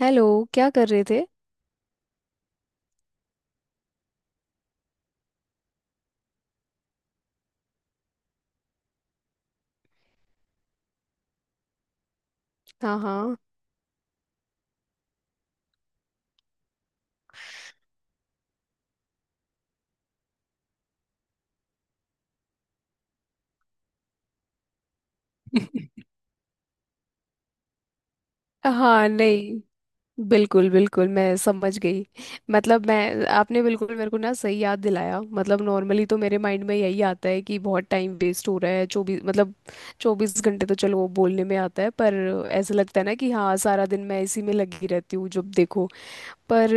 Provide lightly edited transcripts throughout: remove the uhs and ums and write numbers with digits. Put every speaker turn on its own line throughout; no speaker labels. Hello. क्या कर रहे थे? हाँ, हाँ। हाँ, नहीं, बिल्कुल बिल्कुल, मैं समझ गई। मतलब मैं आपने बिल्कुल मेरे को ना सही याद दिलाया। मतलब नॉर्मली तो मेरे माइंड में यही आता है कि बहुत टाइम वेस्ट हो रहा है। चौबीस, मतलब 24 घंटे तो चलो वो बोलने में आता है, पर ऐसा लगता है ना कि हाँ, सारा दिन मैं इसी में लगी रहती हूँ जब देखो। पर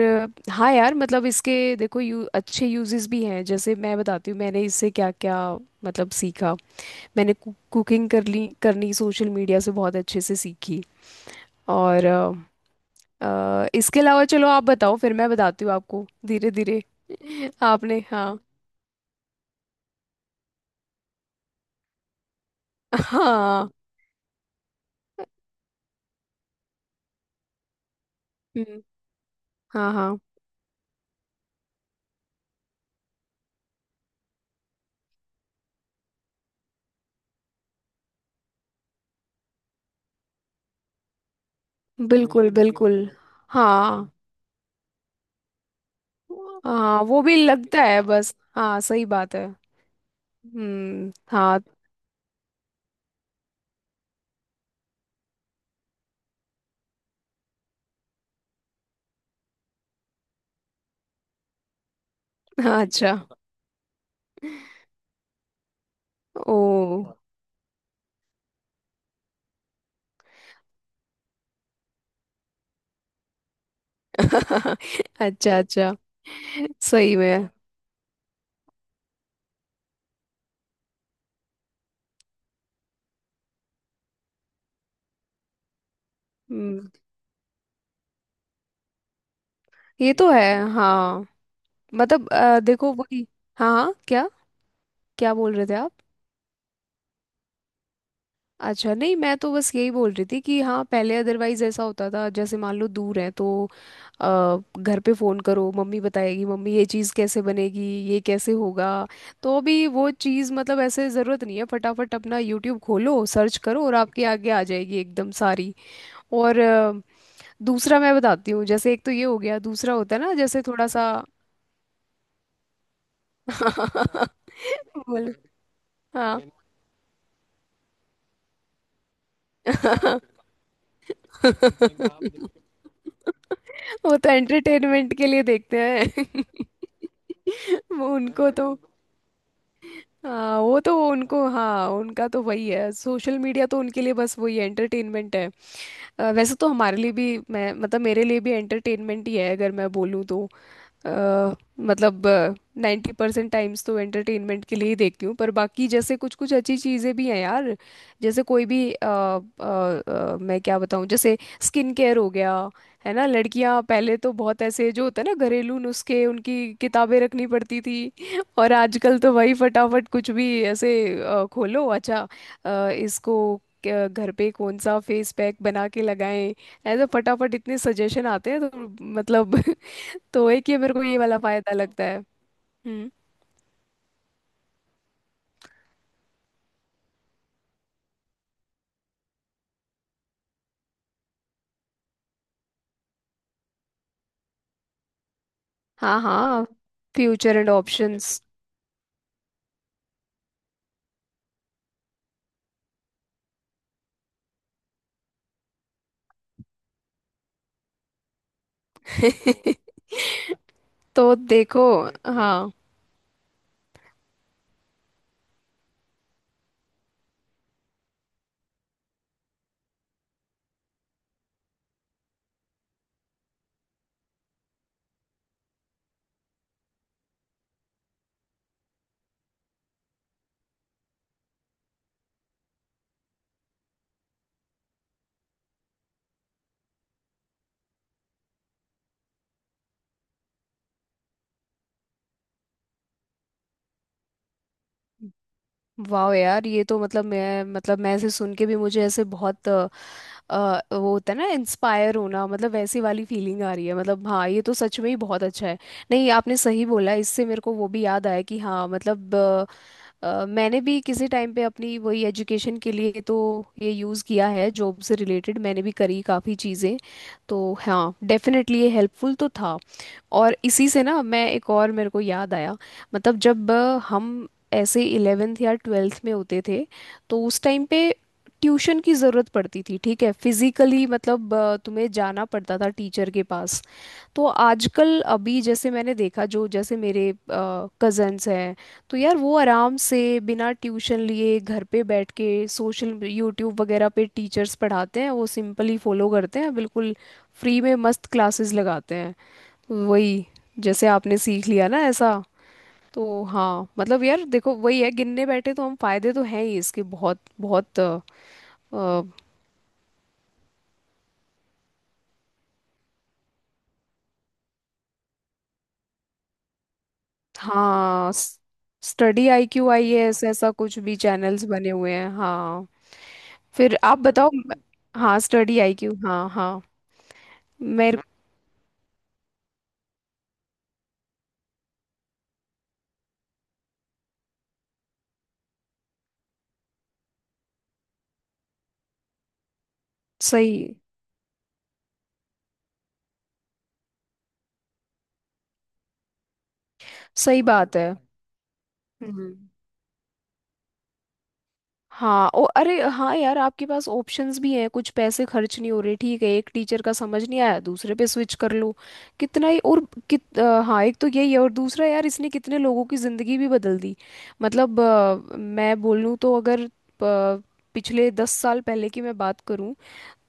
हाँ यार, मतलब इसके, देखो यू अच्छे यूजेस भी हैं। जैसे मैं बताती हूँ मैंने इससे क्या क्या मतलब सीखा। मैंने कुकिंग कर ली करनी, सोशल मीडिया से बहुत अच्छे से सीखी। और इसके अलावा चलो आप बताओ, फिर मैं बताती हूँ आपको धीरे धीरे। आपने हाँ। हाँ। हम्म। हाँ, हाँ, बिल्कुल, सोशल मीडिया, बिल्कुल। हाँ हाँ, वो भी लगता है। बस हाँ, सही बात है। हम्म। हाँ। हाँ, अच्छा। ओ। अच्छा, अच्छा। सही में। हम्म। ये तो है। हाँ, मतलब देखो वही। हाँ, हाँ, क्या? क्या बोल रहे थे आप? अच्छा, नहीं मैं तो बस यही बोल रही थी कि हाँ, पहले अदरवाइज ऐसा होता था, जैसे मान लो दूर है तो घर पे फ़ोन करो, मम्मी बताएगी, मम्मी ये चीज़ कैसे बनेगी, ये कैसे होगा। तो अभी वो चीज़ मतलब ऐसे ज़रूरत नहीं है, फटाफट अपना यूट्यूब खोलो, सर्च करो और आपके आगे आ जाएगी एकदम सारी। और दूसरा मैं बताती हूँ। जैसे एक तो ये हो गया, दूसरा होता है ना, जैसे थोड़ा सा बोल। हाँ, वो तो एंटरटेनमेंट के लिए देखते हैं। वो उनको तो, हाँ, वो तो उनको, हाँ, उनका तो वही है। सोशल मीडिया तो उनके लिए बस वही एंटरटेनमेंट है। entertainment है। वैसे तो हमारे लिए भी मैं, मतलब मेरे लिए भी एंटरटेनमेंट ही है अगर मैं बोलूँ तो। अ, मतलब 90% टाइम्स तो एंटरटेनमेंट के लिए ही देखती हूँ, पर बाकी जैसे कुछ कुछ अच्छी चीज़ें भी हैं यार। जैसे कोई भी मैं क्या बताऊँ, जैसे स्किन केयर हो गया। है ना, लड़कियाँ पहले तो बहुत ऐसे, जो होता है ना, घरेलू नुस्खे, उनकी किताबें रखनी पड़ती थी। और आजकल तो वही फटाफट कुछ भी ऐसे खोलो अच्छा। इसको घर पे कौन सा फेस पैक बना के लगाएं, ऐसे फटाफट इतने सजेशन आते हैं तो मतलब। तो एक ये, मेरे को ये वाला फायदा लगता है। हम्म। हाँ। हाँ। Future and options. तो देखो। हाँ। वाह यार, ये तो मतलब मैं ऐसे सुन के भी मुझे ऐसे बहुत वो होता है ना इंस्पायर होना, मतलब वैसी वाली फीलिंग आ रही है। मतलब हाँ, ये तो सच में ही बहुत अच्छा है। नहीं, आपने सही बोला, इससे मेरे को वो भी याद आया कि हाँ, मतलब मैंने भी किसी टाइम पे अपनी वही एजुकेशन के लिए तो ये यूज़ किया है। जॉब से रिलेटेड मैंने भी करी काफ़ी चीज़ें। तो हाँ, डेफिनेटली ये हेल्पफुल तो था। और इसी से ना मैं एक और, मेरे को याद आया, मतलब जब हम ऐसे 11th या 12th में होते थे, तो उस टाइम पे ट्यूशन की ज़रूरत पड़ती थी। ठीक है, फिजिकली मतलब तुम्हें जाना पड़ता था टीचर के पास। तो आजकल अभी जैसे मैंने देखा, जो जैसे मेरे कजन्स हैं, तो यार वो आराम से बिना ट्यूशन लिए घर पे बैठ के सोशल यूट्यूब वगैरह पे टीचर्स पढ़ाते हैं, वो सिंपली फॉलो करते हैं, बिल्कुल फ्री में मस्त क्लासेस लगाते हैं। वही जैसे आपने सीख लिया ना ऐसा। तो हाँ, मतलब यार देखो वही है, गिनने बैठे तो हम, फायदे तो हैं ही इसके बहुत बहुत। अ, हाँ, स्टडी आईक्यू, आईएएस, ऐसा कुछ भी चैनल्स बने हुए हैं, हाँ। फिर आप बताओ। हाँ, स्टडी आईक्यू, हाँ, हाँ। मेरे, सही सही बात है। हम्म। हाँ। ओ, अरे हाँ यार, आपके पास ऑप्शंस भी हैं, कुछ पैसे खर्च नहीं हो रहे, ठीक है, एक टीचर का समझ नहीं आया दूसरे पे स्विच कर लो, कितना ही और हाँ। एक तो यही है, और दूसरा यार इसने कितने लोगों की ज़िंदगी भी बदल दी। मतलब मैं बोलूँ तो, अगर पिछले 10 साल पहले की मैं बात करूँ,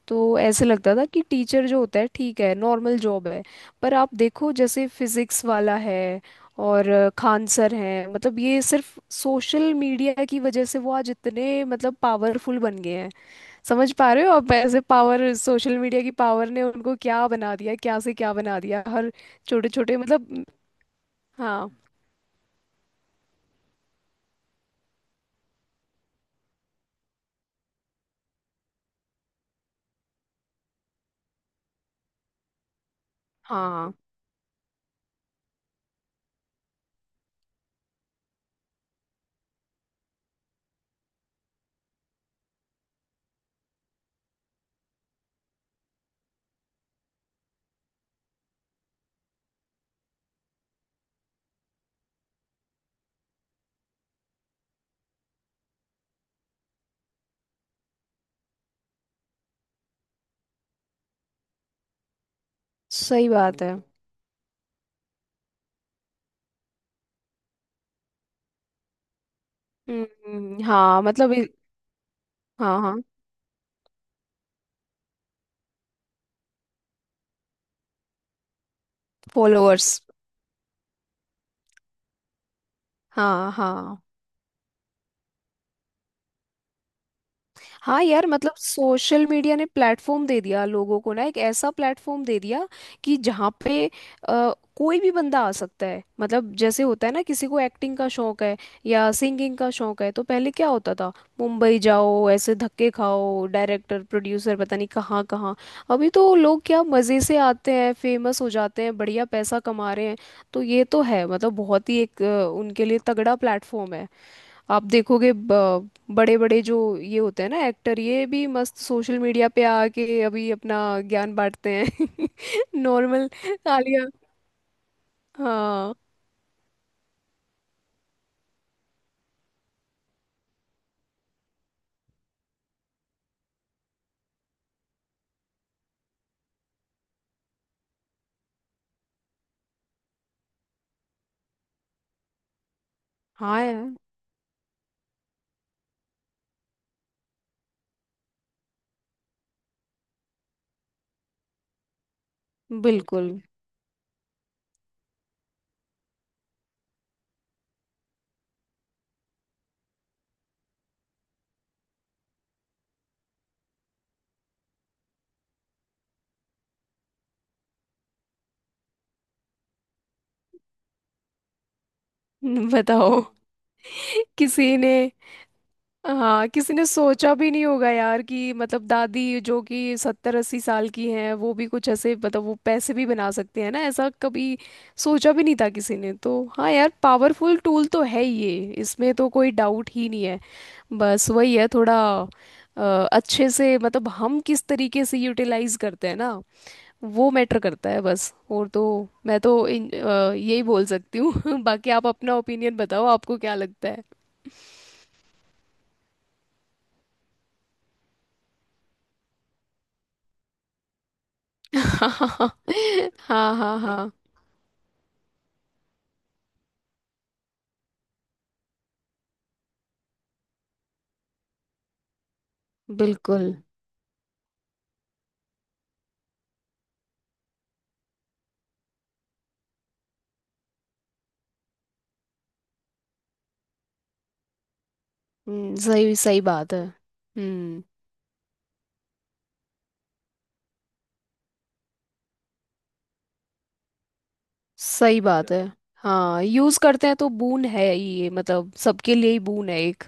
तो ऐसे लगता था कि टीचर जो होता है, ठीक है, नॉर्मल जॉब है। पर आप देखो, जैसे फिजिक्स वाला है और खान सर हैं, मतलब ये सिर्फ सोशल मीडिया की वजह से वो आज इतने, मतलब पावरफुल बन गए हैं। समझ पा रहे हो आप ऐसे? पावर, सोशल मीडिया की पावर ने उनको क्या बना दिया, क्या से क्या बना दिया, हर छोटे छोटे मतलब। हाँ, हाँ, सही बात है। हम्म। हम्म। हाँ, मतलब हाँ। हाँ। फॉलोअर्स। हाँ, हाँ। हाँ यार, मतलब सोशल मीडिया ने प्लेटफॉर्म दे दिया लोगों को ना, एक ऐसा प्लेटफॉर्म दे दिया कि जहाँ पे कोई भी बंदा आ सकता है। मतलब जैसे होता है ना, किसी को एक्टिंग का शौक है या सिंगिंग का शौक है, तो पहले क्या होता था? मुंबई जाओ, ऐसे धक्के खाओ, डायरेक्टर प्रोड्यूसर पता नहीं कहाँ कहाँ। अभी तो लोग क्या मज़े से आते हैं, फेमस हो जाते हैं, बढ़िया पैसा कमा रहे हैं। तो ये तो है, मतलब बहुत ही एक उनके लिए तगड़ा प्लेटफॉर्म है। आप देखोगे, बड़े बड़े जो ये होते हैं ना एक्टर, ये भी मस्त सोशल मीडिया पे आके अभी अपना ज्ञान बांटते हैं। नॉर्मल। आलिया। हाँ, हाँ यार, बिल्कुल। बताओ, किसी ने। हाँ, किसी ने सोचा भी नहीं होगा यार कि मतलब दादी जो कि 70-80 साल की हैं, वो भी कुछ ऐसे मतलब वो पैसे भी बना सकते हैं ना, ऐसा कभी सोचा भी नहीं था किसी ने। तो हाँ यार, पावरफुल टूल तो है ये, इसमें तो कोई डाउट ही नहीं है। बस वही है थोड़ा अच्छे से, मतलब हम किस तरीके से यूटिलाइज करते हैं ना, वो मैटर करता है बस। और तो मैं तो यही बोल सकती हूँ। बाकी आप अपना ओपिनियन बताओ, आपको क्या लगता है। हाँ, हाँ, हाँ, हाँ, बिल्कुल। सही सही बात है। हम्म। सही बात है। हाँ, यूज करते हैं तो बून है ही ये, मतलब सबके लिए ही बून है एक।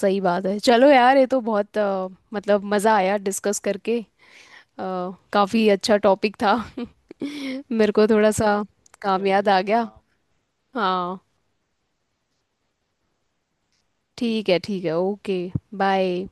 सही बात है। चलो यार, ये तो बहुत मतलब मजा आया डिस्कस करके। अ, काफी अच्छा टॉपिक था। मेरे को थोड़ा सा काम याद आ गया। हाँ, ठीक है, ठीक है, ओके। बाय।